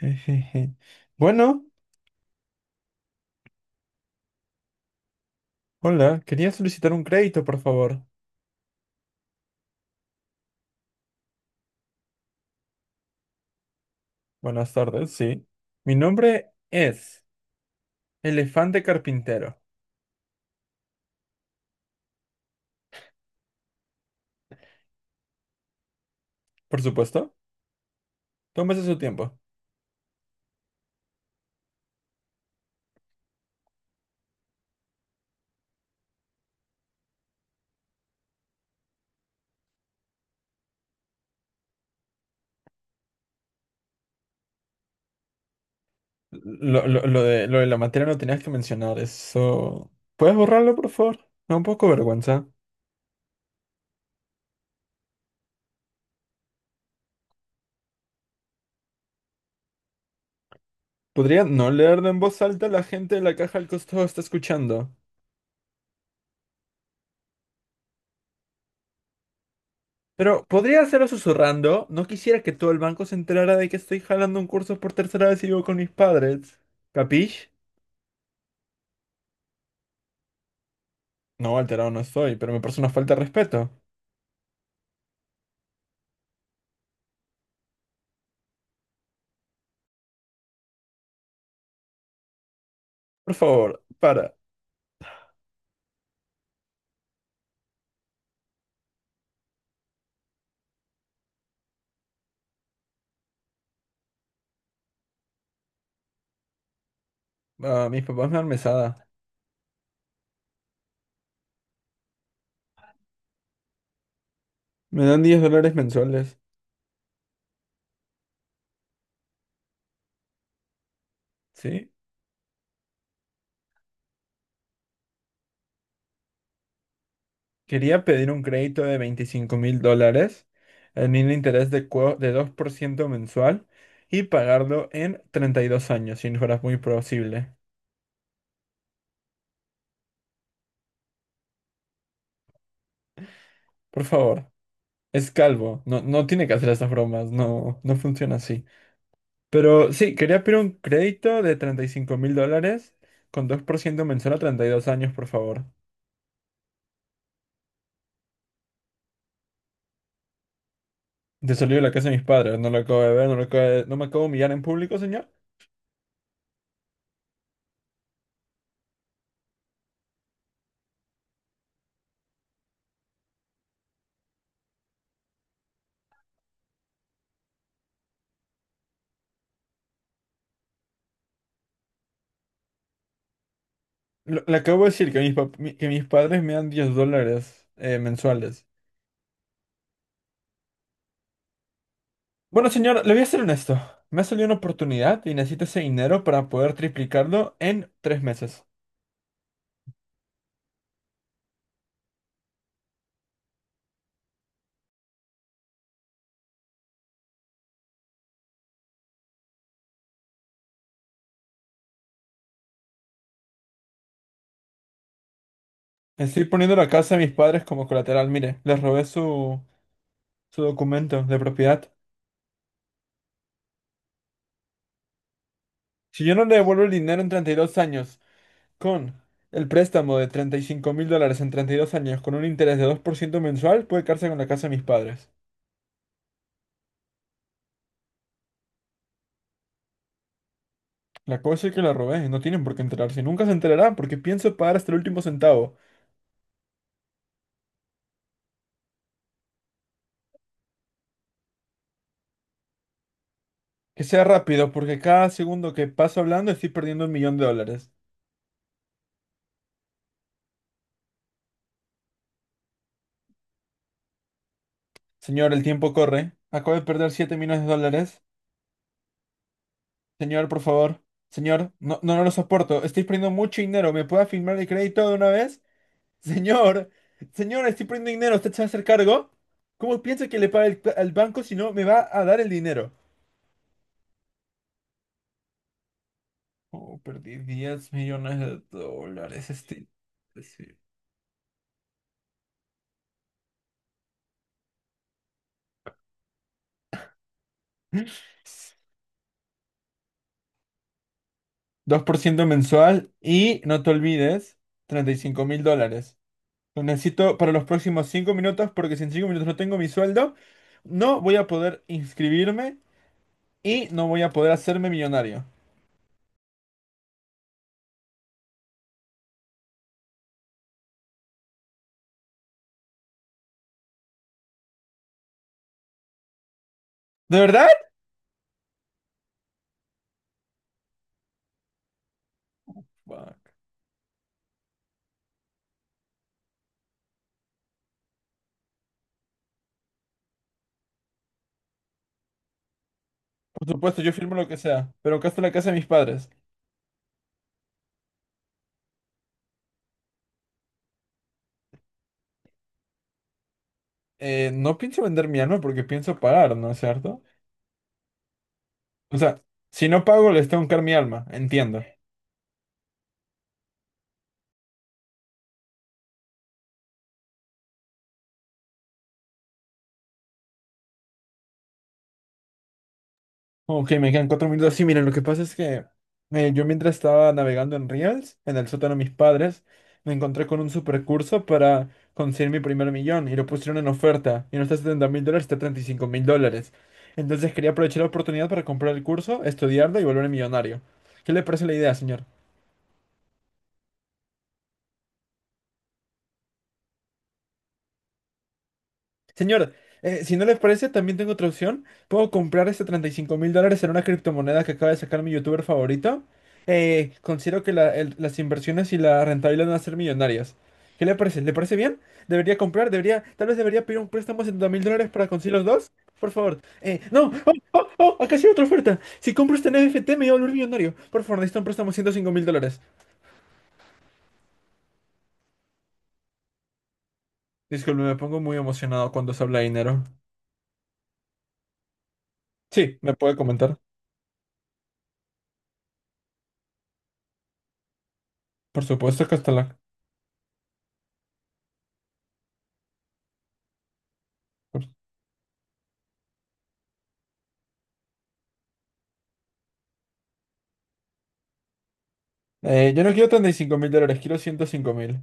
Ejeje. Bueno, hola, quería solicitar un crédito, por favor. Buenas tardes, sí. Mi nombre es Elefante Carpintero. Por supuesto, tómese su tiempo. Lo de la materia no tenías que mencionar, eso. ¿Puedes borrarlo, por favor? Me da un poco vergüenza. Podría no leerlo en voz alta, la gente de la caja al costado está escuchando. Pero podría hacerlo susurrando. No quisiera que todo el banco se enterara de que estoy jalando un curso por tercera vez y vivo con mis padres. ¿Capish? No, alterado no soy, pero me parece una falta de respeto. Por favor, para. Ah, mis papás me dan mesada. Me dan 10 dólares mensuales. ¿Sí? Quería pedir un crédito de 25.000 dólares en un interés de 2% mensual y pagarlo en 32 años, si no fuera muy posible. Por favor, es calvo. No, no tiene que hacer esas bromas. No, no funciona así. Pero sí, quería pedir un crédito de 35.000 dólares con 2% mensual a 32 años, por favor. De salir de la casa de mis padres, no lo acabo de ver, no lo acabo de. ¿No me acabo de humillar en público, señor? Le acabo de decir que que mis padres me dan diez dólares mensuales. Bueno, señor, le voy a ser honesto. Me ha salido una oportunidad y necesito ese dinero para poder triplicarlo en 3 meses. Estoy poniendo la casa de mis padres como colateral. Mire, les robé su documento de propiedad. Si yo no le devuelvo el dinero en treinta y dos años, con el préstamo de 35 mil dólares en 32 años, con un interés de 2% mensual, puede quedarse con la casa de mis padres. La cosa es que la robé, no tienen por qué enterarse, nunca se enterarán porque pienso pagar hasta el último centavo. Que sea rápido, porque cada segundo que paso hablando estoy perdiendo un millón de dólares. Señor, el tiempo corre. Acabo de perder 7 millones de dólares. Señor, por favor. Señor, no, no, no lo soporto. Estoy perdiendo mucho dinero. ¿Me puede firmar el crédito de una vez? Señor, señor, estoy perdiendo dinero. ¿Usted se va a hacer cargo? ¿Cómo piensa que le pague al banco si no me va a dar el dinero? Oh, perdí 10 millones de dólares. Pues sí. Dos por ciento mensual y no te olvides, 35 mil dólares. Lo necesito para los próximos 5 minutos porque si en 5 minutos no tengo mi sueldo, no voy a poder inscribirme y no voy a poder hacerme millonario. ¿De verdad? Fuck. Por supuesto, yo firmo lo que sea, pero acá está la casa de mis padres. No pienso vender mi alma porque pienso pagar, ¿no es cierto? O sea, si no pago, les tengo que dar mi alma, entiendo. Ok, me quedan 4 minutos. Sí, miren, lo que pasa es que yo mientras estaba navegando en Reels, en el sótano de mis padres, me encontré con un supercurso para conseguir mi primer millón y lo pusieron en oferta. Y no está a 70 mil dólares, está a 35 mil dólares. Entonces quería aprovechar la oportunidad para comprar el curso, estudiarlo y volverme millonario. ¿Qué le parece la idea, señor? Señor, si no le parece, también tengo otra opción. Puedo comprar este 35 mil dólares en una criptomoneda que acaba de sacar mi youtuber favorito. Considero que las inversiones y la rentabilidad van a ser millonarias. ¿Qué le parece? ¿Le parece bien? ¿Debería comprar? ¿Debería? Tal vez debería pedir un préstamo de 70 mil dólares para conseguir los dos. Por favor. No, oh, oh, oh, acá sí hay otra oferta. Si compro este NFT me voy a volver millonario. Por favor, necesito un préstamo de 105 mil dólares. Disculpe, me pongo muy emocionado cuando se habla de dinero. Sí, me puede comentar. Por supuesto que hasta la. Yo no quiero 35 mil dólares, quiero 105 mil.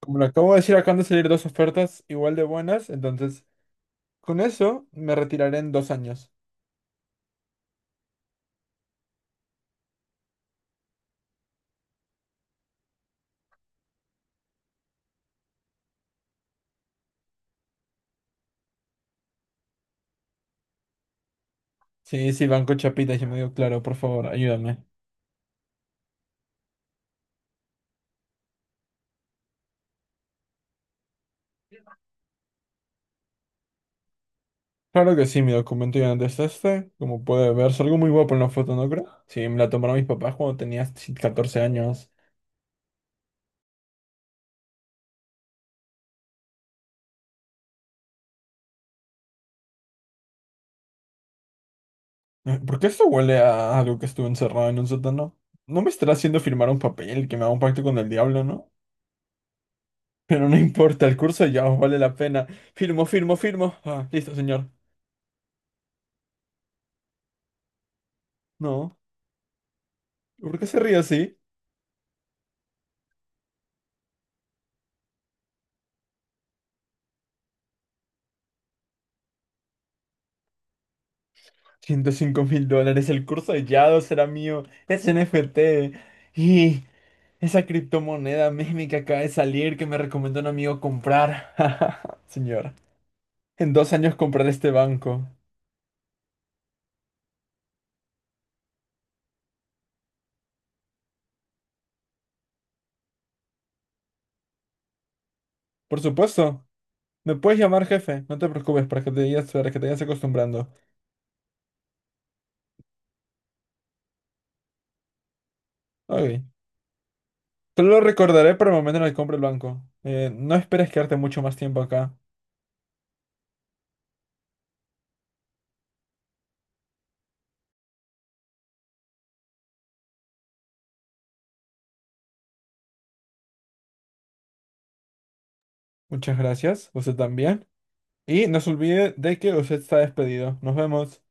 Como lo acabo de decir, acaban de salir dos ofertas igual de buenas, entonces con eso me retiraré en dos años. Sí, sí, Banco Chapita, yo me digo, claro, por favor, ayúdame. Claro que sí, mi documento ya no es este, como puede verse, algo muy guapo en la foto, ¿no creo? Sí, me la tomaron mis papás cuando tenía 14 años. ¿Por qué esto huele a algo que estuve encerrado en un sótano? No me estará haciendo firmar un papel que me haga un pacto con el diablo, ¿no? Pero no importa, el curso ya os vale la pena. Firmo, firmo, firmo. Ah, listo, señor. No, ¿por qué se ríe así? 105.000 dólares, el curso de Yado será mío, es NFT. Y esa criptomoneda meme que acaba de salir que me recomendó un amigo comprar. Señor, en 2 años compraré este banco. Por supuesto, me puedes llamar jefe, no te preocupes para que te digas, para que te vayas acostumbrando. Ok. Solo lo recordaré para el momento en el que compre el banco. No esperes quedarte mucho más tiempo acá. Muchas gracias, usted también. Y no se olvide de que usted está despedido. Nos vemos.